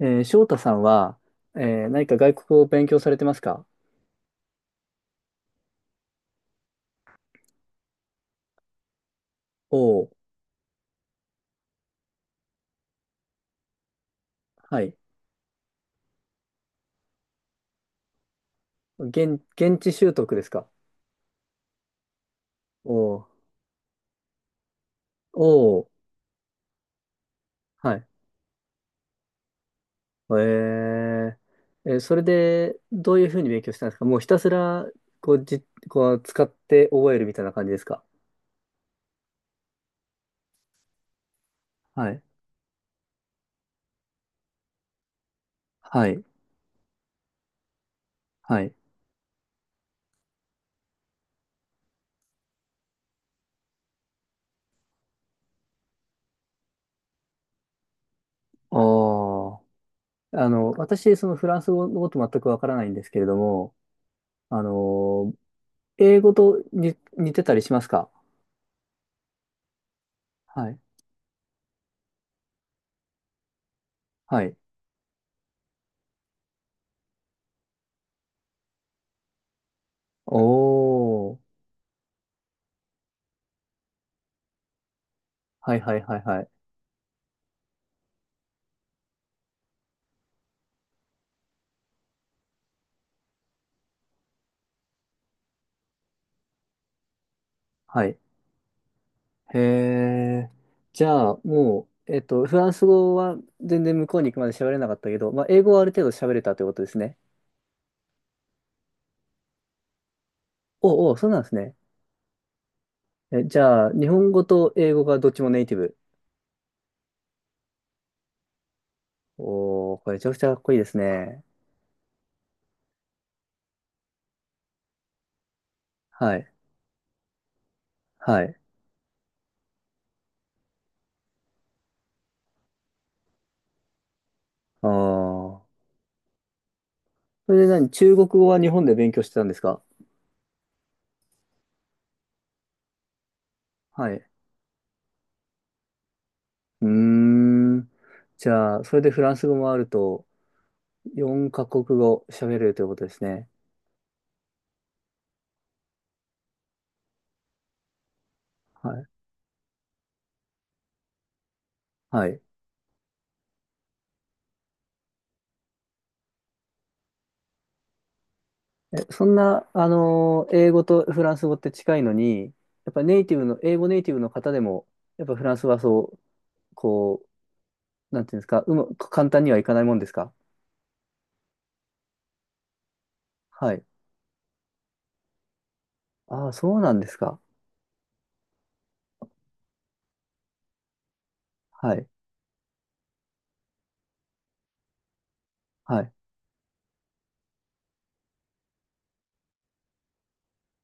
翔太さんは、何か外国語を勉強されてますか？おー、はい。現地習得ですか？おー、おー、はい。えー、それで、どういうふうに勉強したんですか？もうひたすら、こう、じ、こう、使って覚えるみたいな感じですか？はい。はい。はい。おー。あの、私、そのフランス語のこと全くわからないんですけれども、あのー英語とに似てたりしますか？はい。はい。おー。はいはいはいはい。はい。へえ。じゃあ、もう、えっと、フランス語は全然向こうに行くまで喋れなかったけど、まあ、英語はある程度喋れたということですね。おうおう、そうなんですね。え、じゃあ、日本語と英語がどっちもネイティブ。おーこれめちゃくちゃかっこいいですね。はい。はい。あーそれで何中国語は日本で勉強してたんですか？はい。うーん。じゃあ、それでフランス語もあると、4カ国語喋れるということですね。はい。はい。そんな、英語とフランス語って近いのに、やっぱネイティブの、英語ネイティブの方でも、やっぱフランスはそう、こなんていうんですか、うま、簡単にはいかないもんですか？はい。ああ、そうなんですか。はい。はい。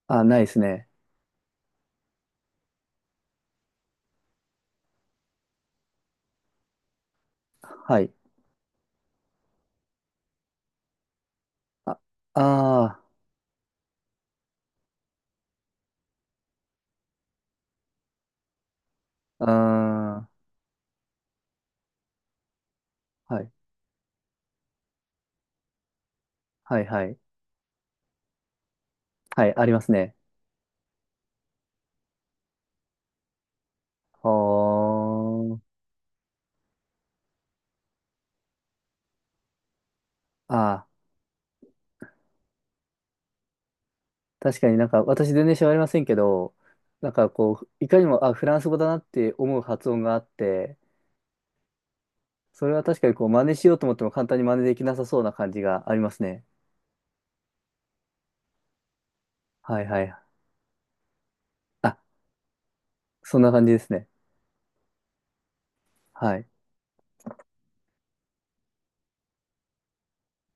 ああ、ないですね。はい。あ、ああ、あーはい。はい、はい。はい、ありますね。ほー。ああ、確かになんか、私全然喋れませんけど、なんかこう、いかにも、あ、フランス語だなって思う発音があって、それは確かにこう真似しようと思っても簡単に真似できなさそうな感じがありますね。はいはい。あ、そんな感じですね。はい。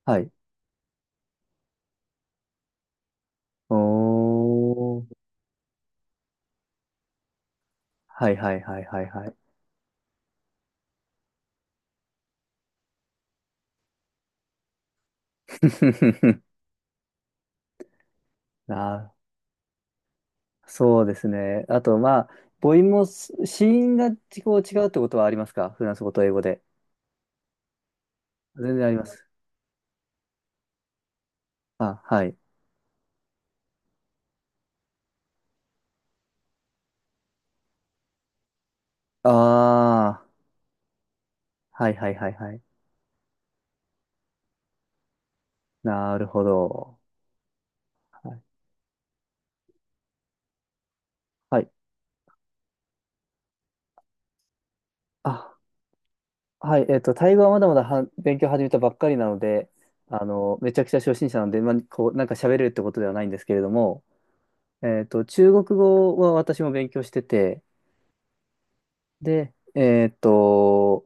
はい。おー。はいはいはいはいはい。あー、そうですね。あと、まあ、母音もす子音がこう違うってことはありますか？フランス語と英語で。全然あります。あ、はい。ああ、はいはいはいはい。なるほど。はい。はい。あ、はい、えっと、タイ語はまだまだは勉強始めたばっかりなので、あの、めちゃくちゃ初心者なので、まあ、こう、なんか喋れるってことではないんですけれども、えっと、中国語は私も勉強してて、で、えっと、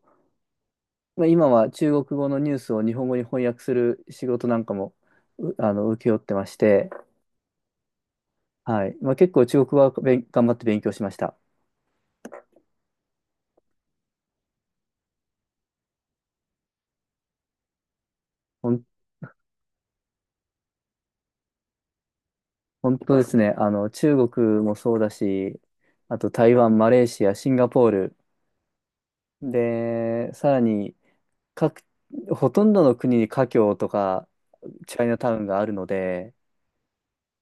まあ、今は中国語のニュースを日本語に翻訳する仕事なんかも、あの、請け負ってまして、はい、まあ、結構中国語は頑張って勉強しました。ほん、本当ですね、あの、中国もそうだし、あと台湾、マレーシア、シンガポール、で、さらに、各、ほとんどの国に華僑とかチャイナタウンがあるので、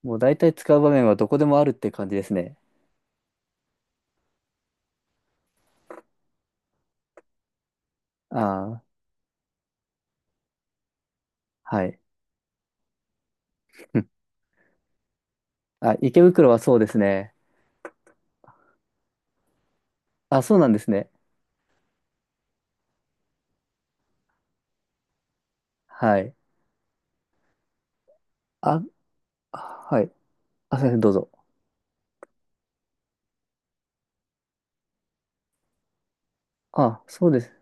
もう大体使う場面はどこでもあるって感じですね。ああ、はい。うんあ、池袋はそうですね。あ、そうなんですね。はい。あ、はい。あ、すいません、どうぞ。あ、そうです。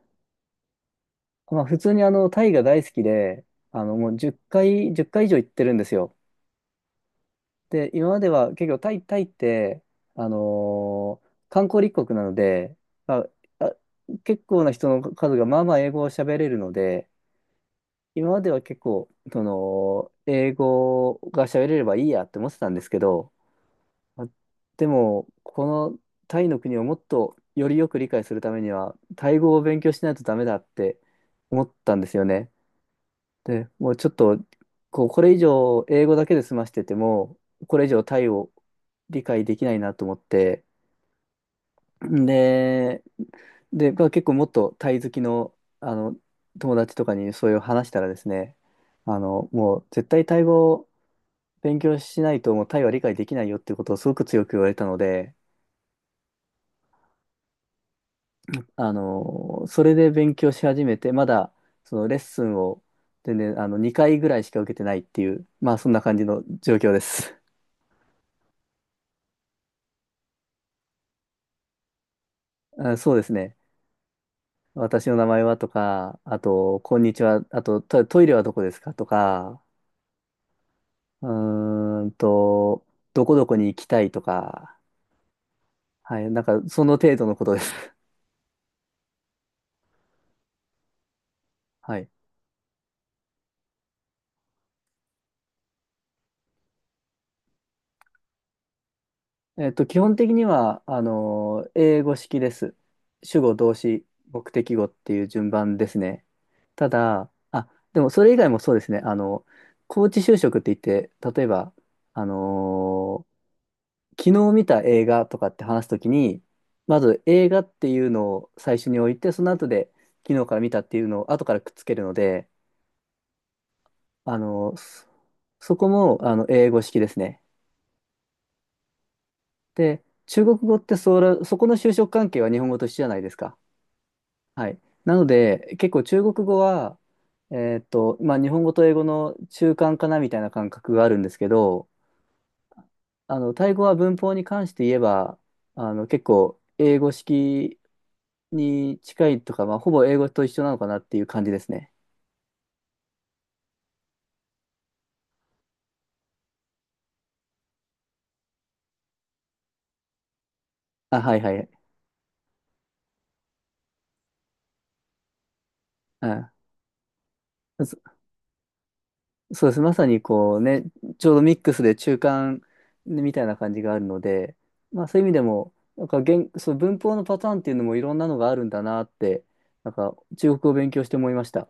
まあ、普通にあの、タイが大好きで、あの、もう1回、10回以上行ってるんですよ。で、今までは結構タイって、あのー観光立国なので、まあ、あ、結構な人の数がまあまあ英語を喋れるので、今までは結構、その、英語が喋れればいいやって思ってたんですけど、まあでも、このタイの国をもっとよりよく理解するためには、タイ語を勉強しないとダメだって思ったんですよね。で、もうちょっと、こう、これ以上英語だけで済ましてても、これ以上タイを理解できないなと思って、で、で、まあ、結構もっとタイ好きの、あの、友達とかにそういう話したらですね、あの、もう絶対タイ語を勉強しないともうタイは理解できないよっていうことをすごく強く言われたので、あの、それで勉強し始めて、まだそのレッスンを全然あの2回ぐらいしか受けてないっていう、まあそんな感じの状況です。あ、そうですね。私の名前はとか、あと、こんにちは、あと、イレはどこですかとか、うーんと、どこどこに行きたいとか、はい、なんか、その程度のことです。はい。えっと、基本的には、あの、英語式です。主語、動詞、目的語っていう順番ですね。ただ、あ、でもそれ以外もそうですね。あの、高知就職って言って、例えば、あの昨日見た映画とかって話すときに、まず映画っていうのを最初に置いて、その後で昨日から見たっていうのを後からくっつけるので、あの、そこもあの英語式ですね。で、中国語ってそこの就職関係は日本語と一緒じゃないですか。はい。なので、結構中国語は、えーっと、まあ日本語と英語の中間かなみたいな感覚があるんですけど、あの、タイ語は文法に関して言えば、あの、結構英語式に近いとか、まあ、ほぼ英語と一緒なのかなっていう感じですね。あ、はいはい。うん、そ、そうです。まさにこうね、ちょうどミックスで中間みたいな感じがあるので、まあそういう意味でも、なんか言、そう、文法のパターンっていうのもいろんなのがあるんだなって、なんか中国語を勉強して思いました。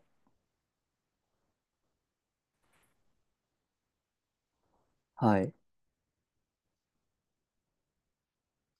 はい。